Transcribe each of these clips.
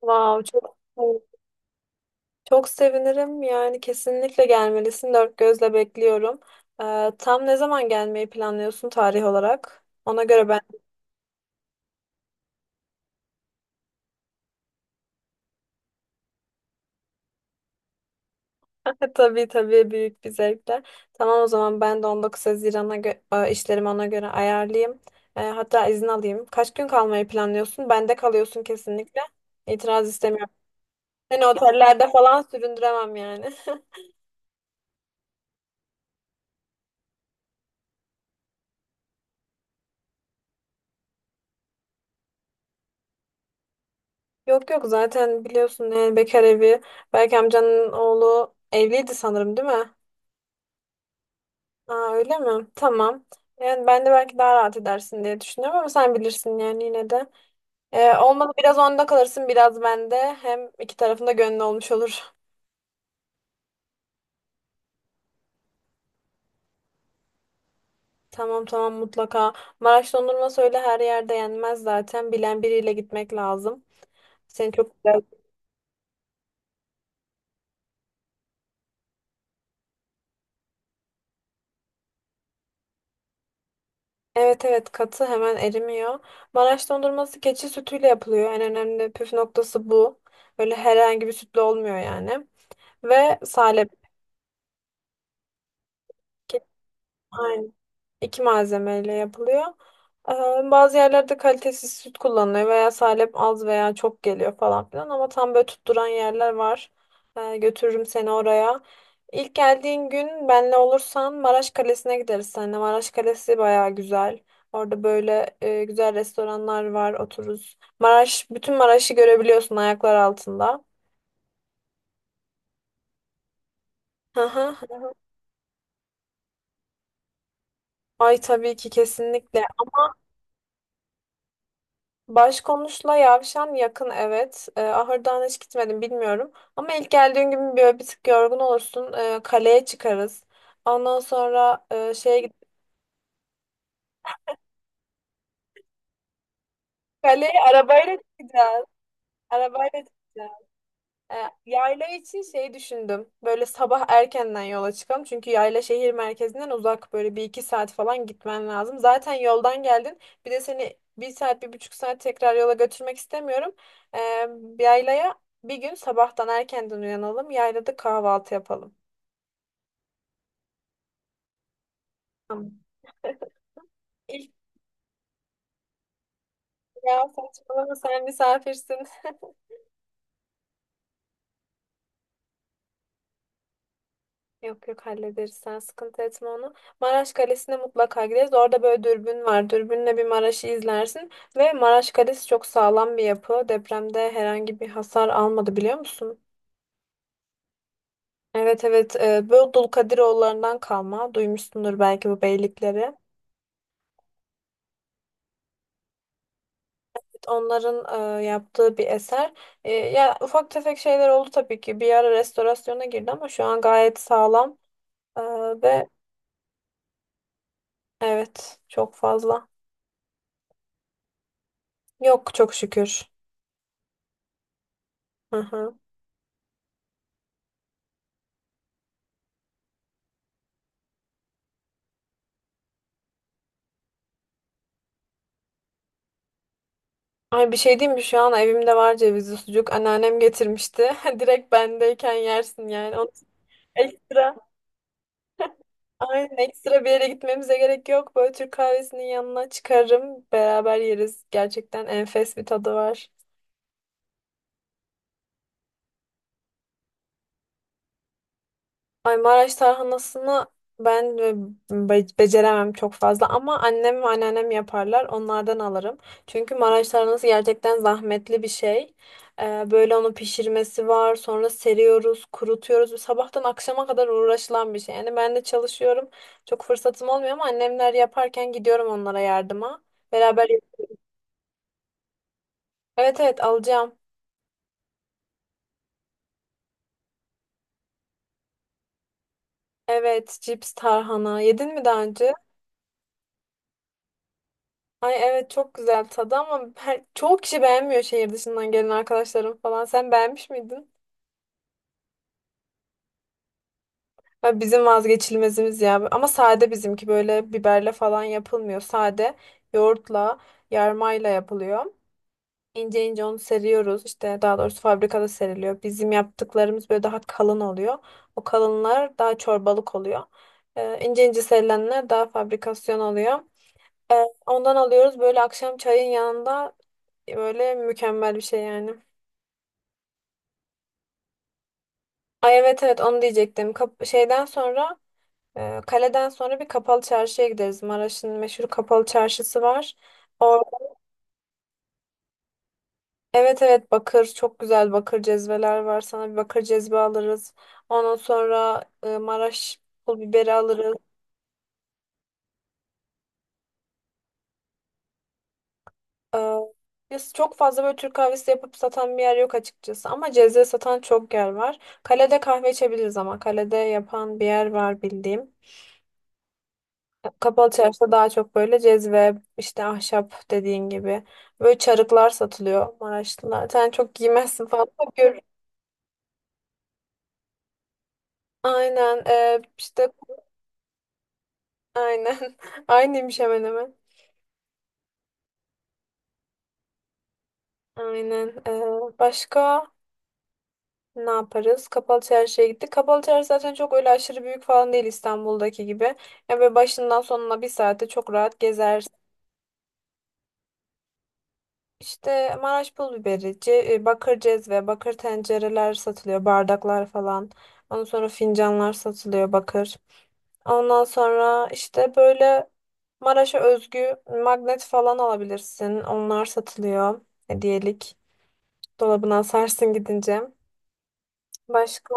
Wow, çok çok sevinirim. Yani kesinlikle gelmelisin. Dört gözle bekliyorum. Tam ne zaman gelmeyi planlıyorsun tarih olarak? Ona göre ben tabii tabii büyük bir zevkle. Tamam, o zaman ben de 19 Haziran'a işlerimi ona göre ayarlayayım. Hatta izin alayım. Kaç gün kalmayı planlıyorsun? Bende kalıyorsun kesinlikle. İtiraz istemiyorum. Seni otellerde falan süründüremem yani. Yok yok, zaten biliyorsun yani bekar evi. Belki amcanın oğlu evliydi sanırım, değil mi? Aa, öyle mi? Tamam. Yani ben de belki daha rahat edersin diye düşünüyorum ama sen bilirsin yani yine de. Olmadı biraz onda kalırsın biraz bende. Hem iki tarafında gönlü olmuş olur. Tamam tamam, mutlaka. Maraş dondurması öyle her yerde yenmez zaten. Bilen biriyle gitmek lazım. Seni çok güzel. Evet evet, katı hemen erimiyor. Maraş dondurması keçi sütüyle yapılıyor. En önemli püf noktası bu. Öyle herhangi bir sütle olmuyor yani. Ve salep. Aynen. İki malzemeyle yapılıyor. Bazı yerlerde kalitesiz süt kullanılıyor veya salep az veya çok geliyor falan filan ama tam böyle tutturan yerler var. Götürürüm seni oraya. İlk geldiğin gün benle olursan Maraş Kalesi'ne gideriz seninle. Maraş Kalesi baya güzel. Orada böyle güzel restoranlar var, otururuz. Maraş, bütün Maraş'ı görebiliyorsun ayaklar altında. Hı hı. Ay tabii ki, kesinlikle. Başkonuşla Yavşan yakın, evet. Ahırdan hiç gitmedim, bilmiyorum. Ama ilk geldiğin gün böyle bir tık yorgun olursun. Kaleye çıkarız. Ondan sonra şeye gidip kaleye arabayla çıkacağız. Arabayla çıkacağız. E, Yayla için şey düşündüm. Böyle sabah erkenden yola çıkalım. Çünkü yayla şehir merkezinden uzak. Böyle bir iki saat falan gitmen lazım. Zaten yoldan geldin. Bir de seni bir saat, bir buçuk saat tekrar yola götürmek istemiyorum. E, Yaylaya bir gün sabahtan erkenden uyanalım. Yaylada kahvaltı yapalım. Tamam. İlk Ya saçmalama, sen misafirsin. Yok yok, hallederiz, sen sıkıntı etme onu. Maraş Kalesi'ne mutlaka gideriz. Orada böyle dürbün var. Dürbünle bir Maraş'ı izlersin. Ve Maraş Kalesi çok sağlam bir yapı. Depremde herhangi bir hasar almadı, biliyor musun? Evet evet, böyle Dulkadiroğullarından kalma. Duymuşsundur belki bu beylikleri. Onların yaptığı bir eser. Ya ufak tefek şeyler oldu tabii ki. Bir ara restorasyona girdi ama şu an gayet sağlam. E, ve Evet, çok fazla. Yok, çok şükür. Hı hı. Ay, bir şey diyeyim mi? Şu an evimde var cevizli sucuk. Anneannem getirmişti. Direkt bendeyken yersin yani. Onu ekstra, aynen ekstra bir yere gitmemize gerek yok. Böyle Türk kahvesinin yanına çıkarım. Beraber yeriz. Gerçekten enfes bir tadı var. Ay, Maraş tarhanasını ben beceremem çok fazla ama annem ve anneannem yaparlar. Onlardan alırım. Çünkü Maraş tarhanası gerçekten zahmetli bir şey. Böyle onu pişirmesi var. Sonra seriyoruz, kurutuyoruz. Sabahtan akşama kadar uğraşılan bir şey. Yani ben de çalışıyorum. Çok fırsatım olmuyor ama annemler yaparken gidiyorum onlara yardıma. Beraber. Evet evet, alacağım. Evet, cips tarhana. Yedin mi daha önce? Ay evet, çok güzel tadı ama her, çoğu kişi beğenmiyor, şehir dışından gelen arkadaşlarım falan. Sen beğenmiş miydin? Ya bizim vazgeçilmezimiz ya. Ama sade bizimki böyle biberle falan yapılmıyor. Sade yoğurtla, yarmayla yapılıyor. İnce ince onu seriyoruz. İşte daha doğrusu fabrikada seriliyor. Bizim yaptıklarımız böyle daha kalın oluyor. O kalınlar daha çorbalık oluyor. İnce ince serilenler daha fabrikasyon oluyor. Ondan alıyoruz, böyle akşam çayın yanında böyle mükemmel bir şey yani. Ay evet evet, onu diyecektim. Kaleden sonra bir kapalı çarşıya gideriz. Maraş'ın meşhur kapalı çarşısı var. Or evet evet, bakır, çok güzel bakır cezveler var. Sana bir bakır cezve alırız. Ondan sonra Maraş pul biberi alırız. E, Biz çok fazla böyle Türk kahvesi yapıp satan bir yer yok açıkçası. Ama cezve satan çok yer var. Kalede kahve içebiliriz ama kalede yapan bir yer var bildiğim. Kapalı çarşıda daha çok böyle cezve, işte ahşap dediğin gibi. Böyle çarıklar satılıyor Maraşlılar. Sen çok giymezsin falan. Ama gör. Aynen. Aynen. Aynıymış hemen hemen. Aynen. Başka ne yaparız? Kapalı çarşıya gittik. Kapalı çarşı zaten çok öyle aşırı büyük falan değil, İstanbul'daki gibi. Ya böyle başından sonuna bir saate çok rahat gezer. İşte Maraş pul biberi, bakır cezve, bakır tencereler satılıyor, bardaklar falan. Ondan sonra fincanlar satılıyor bakır. Ondan sonra işte böyle Maraş'a özgü magnet falan alabilirsin. Onlar satılıyor, hediyelik. Dolabına asarsın gidince. Başka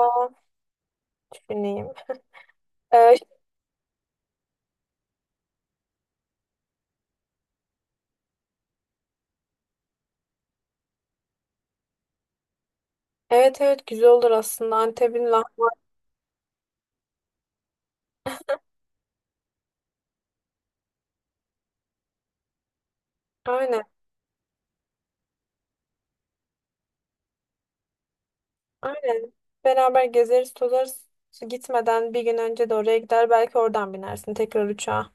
düşüneyim. Ee, evet evet, güzel olur aslında. Antep'in lah. Aynen aynen. Beraber gezeriz tozarız. Gitmeden bir gün önce de oraya gider, belki oradan binersin tekrar uçağa.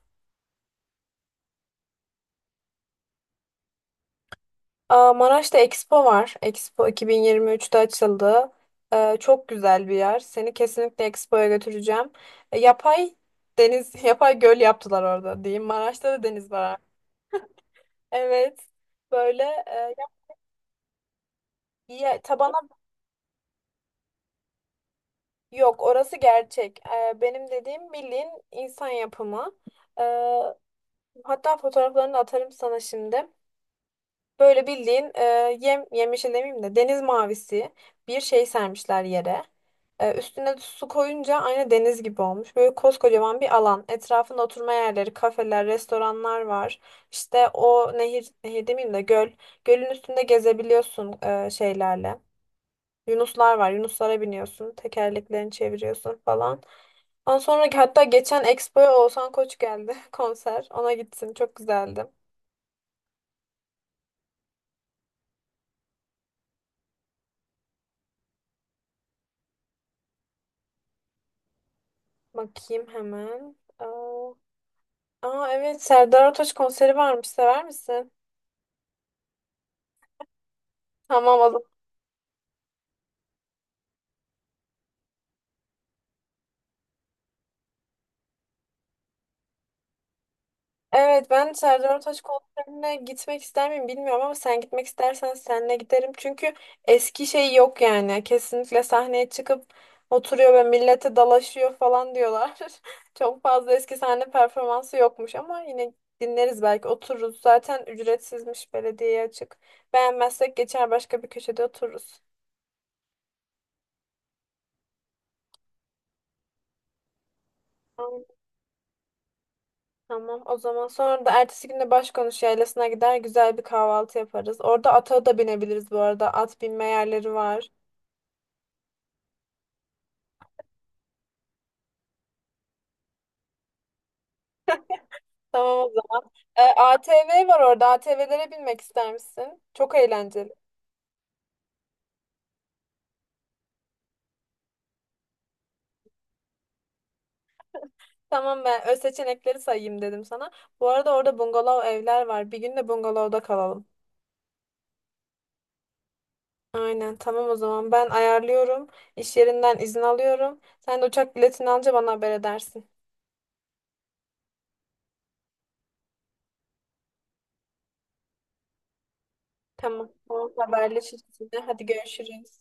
Aa, Maraş'ta Expo var. Expo 2023'te açıldı. Çok güzel bir yer. Seni kesinlikle Expo'ya götüreceğim. Yapay deniz, yapay göl yaptılar orada diyeyim. Maraş'ta da deniz var. Evet. Böyle tabana yok. Orası gerçek. Benim dediğim bildiğin insan yapımı. Ee, Hatta fotoğraflarını da atarım sana şimdi. Böyle bildiğin yem yemyeşil demeyeyim de deniz mavisi bir şey sermişler yere. Üstüne de su koyunca aynı deniz gibi olmuş. Böyle koskocaman bir alan. Etrafında oturma yerleri, kafeler, restoranlar var. İşte o nehir, nehir demeyeyim de göl. Gölün üstünde gezebiliyorsun şeylerle. Yunuslar var. Yunuslara biniyorsun. Tekerleklerini çeviriyorsun falan. Ondan sonra hatta geçen Expo'ya Oğuzhan Koç geldi konser. Ona gitsin. Çok güzeldi. Bakayım hemen. Aa evet, Serdar Ortaç konseri varmış. Sever misin? Tamam, o zaman. Evet, ben Serdar Ortaç konserine gitmek ister miyim bilmiyorum ama sen gitmek istersen seninle giderim. Çünkü eski şey yok yani. Kesinlikle sahneye çıkıp oturuyor ve millete dalaşıyor falan diyorlar. Çok fazla eski sahne performansı yokmuş ama yine dinleriz, belki otururuz. Zaten ücretsizmiş, belediyeye açık. Beğenmezsek geçer, başka bir köşede otururuz. Tamam. Tamam, o zaman sonra da ertesi gün de Başkonuş Yaylası'na gider, güzel bir kahvaltı yaparız. Orada ata da binebiliriz bu arada. At binme yerleri var. Tamam, o zaman. ATV var orada. ATV'lere binmek ister misin? Çok eğlenceli. Tamam, ben öz seçenekleri sayayım dedim sana. Bu arada orada bungalov evler var. Bir gün de bungalovda kalalım. Aynen, tamam o zaman ben ayarlıyorum. İş yerinden izin alıyorum. Sen de uçak biletini alınca bana haber edersin. Tamam. Tamam, haberleşiriz yine. Hadi görüşürüz.